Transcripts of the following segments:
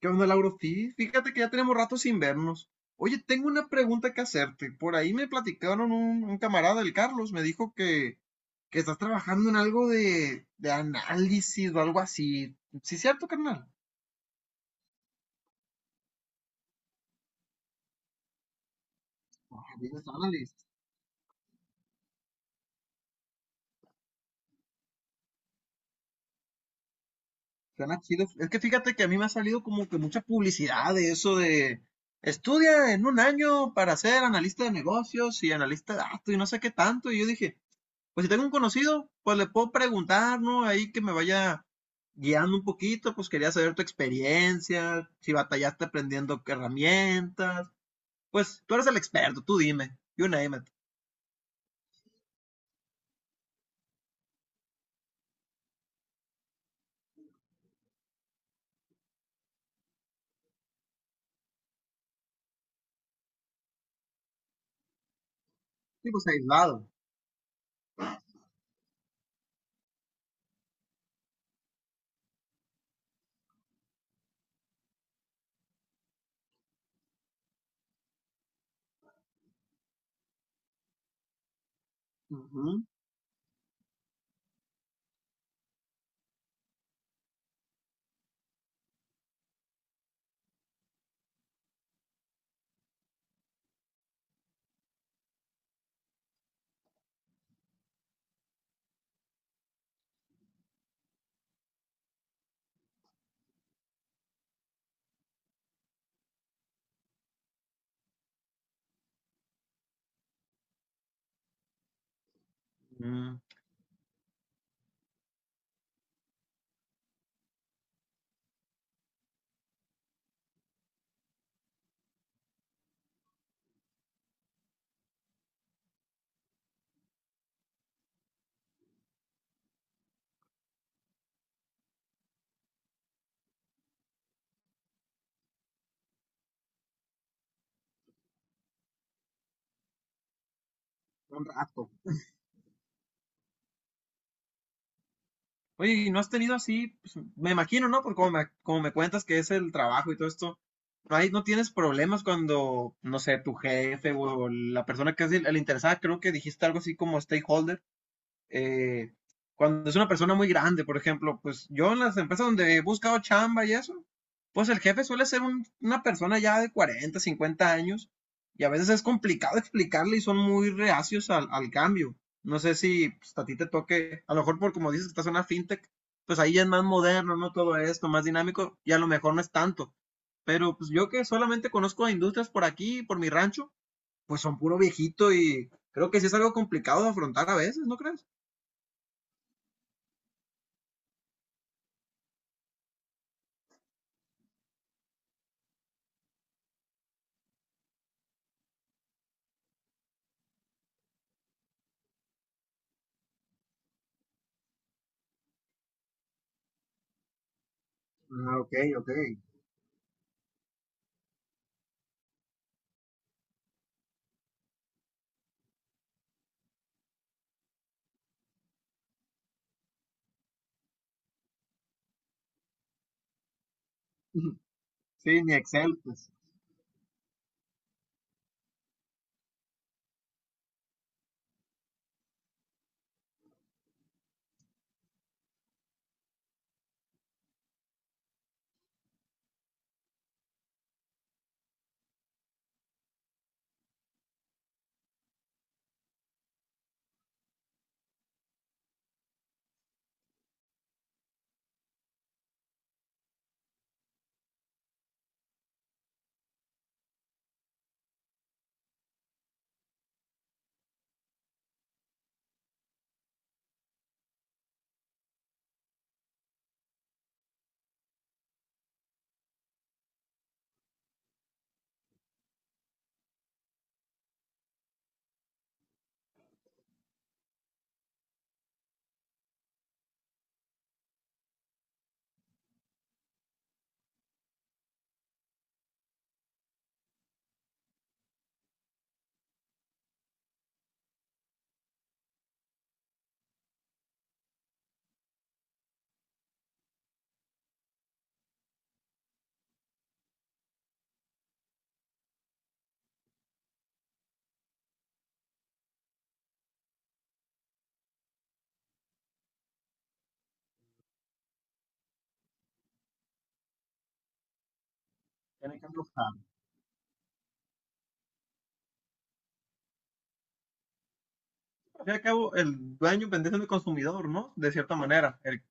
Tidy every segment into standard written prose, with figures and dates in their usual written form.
¿Qué onda, Lauro? Sí, fíjate que ya tenemos rato sin vernos. Oye, tengo una pregunta que hacerte. Por ahí me platicaron un camarada, el Carlos, me dijo que estás trabajando en algo de análisis o algo así. ¿Sí es cierto, carnal? Ah, business analyst. Suena chido. Es que fíjate que a mí me ha salido como que mucha publicidad de eso de estudia en un año para ser analista de negocios y analista de datos y no sé qué tanto. Y yo dije, pues si tengo un conocido, pues le puedo preguntar, ¿no? Ahí que me vaya guiando un poquito, pues quería saber tu experiencia, si batallaste aprendiendo qué herramientas. Pues tú eres el experto, tú dime. You name it. Sí, pues aislado. Ujú. Mm, un rato. Oye, ¿y no has tenido así? Pues, me imagino, ¿no? Porque como me cuentas que es el trabajo y todo esto, no hay, no tienes problemas cuando, no sé, tu jefe o la persona que es el interesada, creo que dijiste algo así como stakeholder, eh, cuando es una persona muy grande, por ejemplo, pues yo en las empresas donde he buscado chamba y eso, pues el jefe suele ser una persona ya de 40, 50 años y a veces es complicado explicarle y son muy reacios al cambio. No sé si pues, a ti te toque, a lo mejor por como dices que estás en una fintech, pues ahí ya es más moderno, ¿no? Todo esto, más dinámico y a lo mejor no es tanto. Pero pues yo que solamente conozco a industrias por aquí, por mi rancho, pues son puro viejito y creo que sí es algo complicado de afrontar a veces, ¿no crees? Ah, ok, ok. Sí, ni Excel, pues, tiene que buscar. Al fin y al cabo, el dueño vendría siendo consumidor, ¿no? De cierta manera. El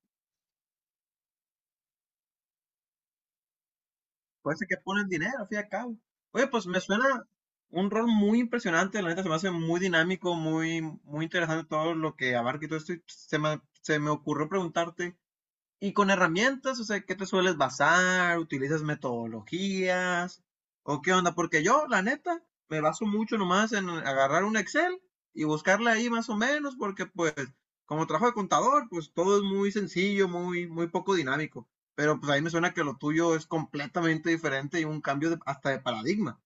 puede ser que pone el dinero, al fin y al cabo. Oye, pues me suena un rol muy impresionante, la neta se me hace muy dinámico, muy, muy interesante todo lo que abarca y todo esto. Y se me ocurrió preguntarte, y con herramientas, o sea, ¿qué te sueles basar? ¿Utilizas metodologías? ¿O qué onda? Porque yo, la neta, me baso mucho nomás en agarrar un Excel y buscarle ahí más o menos, porque pues, como trabajo de contador, pues todo es muy sencillo, muy, muy poco dinámico. Pero pues ahí me suena que lo tuyo es completamente diferente y un cambio de- hasta de paradigma.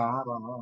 Va, va, va.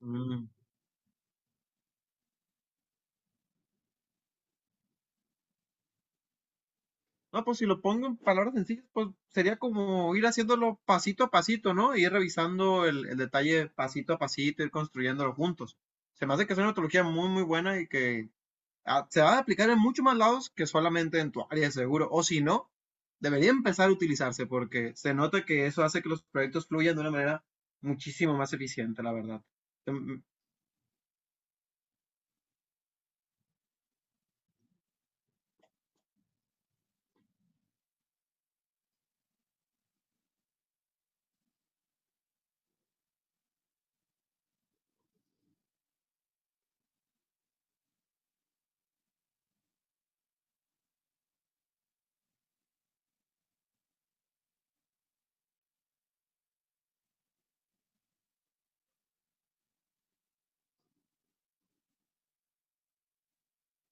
Ujú. No, pues si lo pongo en palabras sencillas, pues sería como ir haciéndolo pasito a pasito, ¿no? Y ir revisando el detalle pasito a pasito, ir construyéndolo juntos. Se me hace que es una metodología muy, muy buena y que ah, se va a aplicar en muchos más lados que solamente en tu área, seguro. O si no, debería empezar a utilizarse porque se nota que eso hace que los proyectos fluyan de una manera muchísimo más eficiente, la verdad. Em,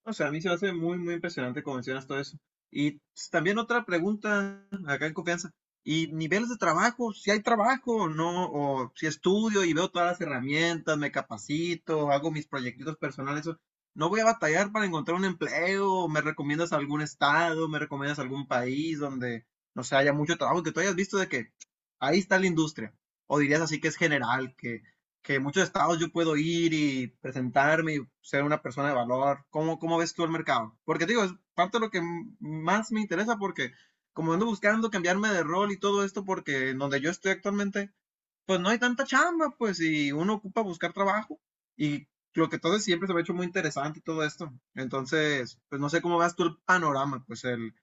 O sea, a mí se me hace muy, muy impresionante como mencionas todo eso. Y pues, también otra pregunta acá en confianza. ¿Y niveles de trabajo? ¿Si hay trabajo o no? ¿O si estudio y veo todas las herramientas, me capacito, hago mis proyectitos personales? O, ¿no voy a batallar para encontrar un empleo? ¿Me recomiendas algún estado? ¿Me recomiendas algún país donde no se haya mucho trabajo? Que tú hayas visto de que ahí está la industria. ¿O dirías así que es general, que muchos estados yo puedo ir y presentarme y ser una persona de valor? ¿Cómo, cómo ves tú el mercado? Porque te digo, es parte de lo que más me interesa porque como ando buscando cambiarme de rol y todo esto porque en donde yo estoy actualmente, pues no hay tanta chamba, pues, y uno ocupa buscar trabajo y lo que todo es siempre se me ha hecho muy interesante y todo esto. Entonces, pues no sé cómo ves tú el panorama, pues el,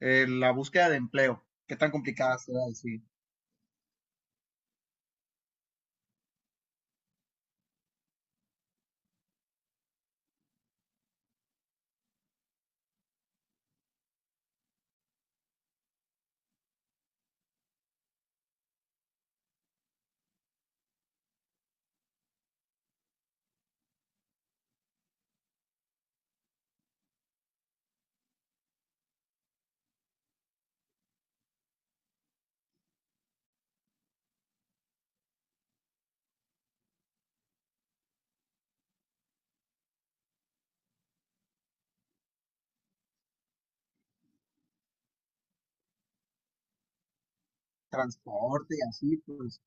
el- la búsqueda de empleo, qué tan complicada sea, así, transporte y así, pues.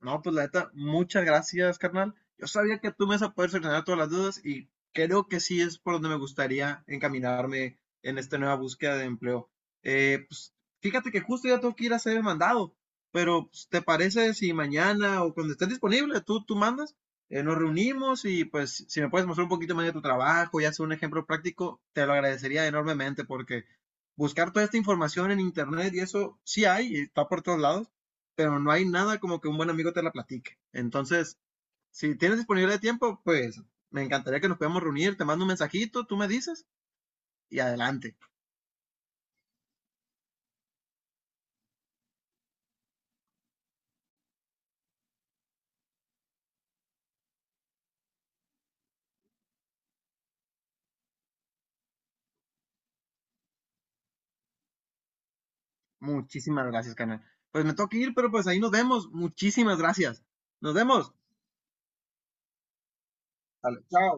No, pues la neta, muchas gracias, carnal. Yo sabía que tú me ibas a poder solucionar todas las dudas y creo que sí es por donde me gustaría encaminarme en esta nueva búsqueda de empleo. Eh, pues, Fíjate que justo ya tengo que ir a ser mandado, pero pues, ¿te parece si mañana o cuando estés disponible tú mandas? Nos reunimos y pues si me puedes mostrar un poquito más de tu trabajo y hacer un ejemplo práctico, te lo agradecería enormemente porque buscar toda esta información en internet y eso sí hay, y está por todos lados, pero no hay nada como que un buen amigo te la platique. Entonces, si tienes disponibilidad de tiempo, pues me encantaría que nos podamos reunir. Te mando un mensajito, tú me dices y adelante. Muchísimas gracias, canal. Pues me tengo que ir, pero pues ahí nos vemos. Muchísimas gracias. Nos vemos. Vale, chao.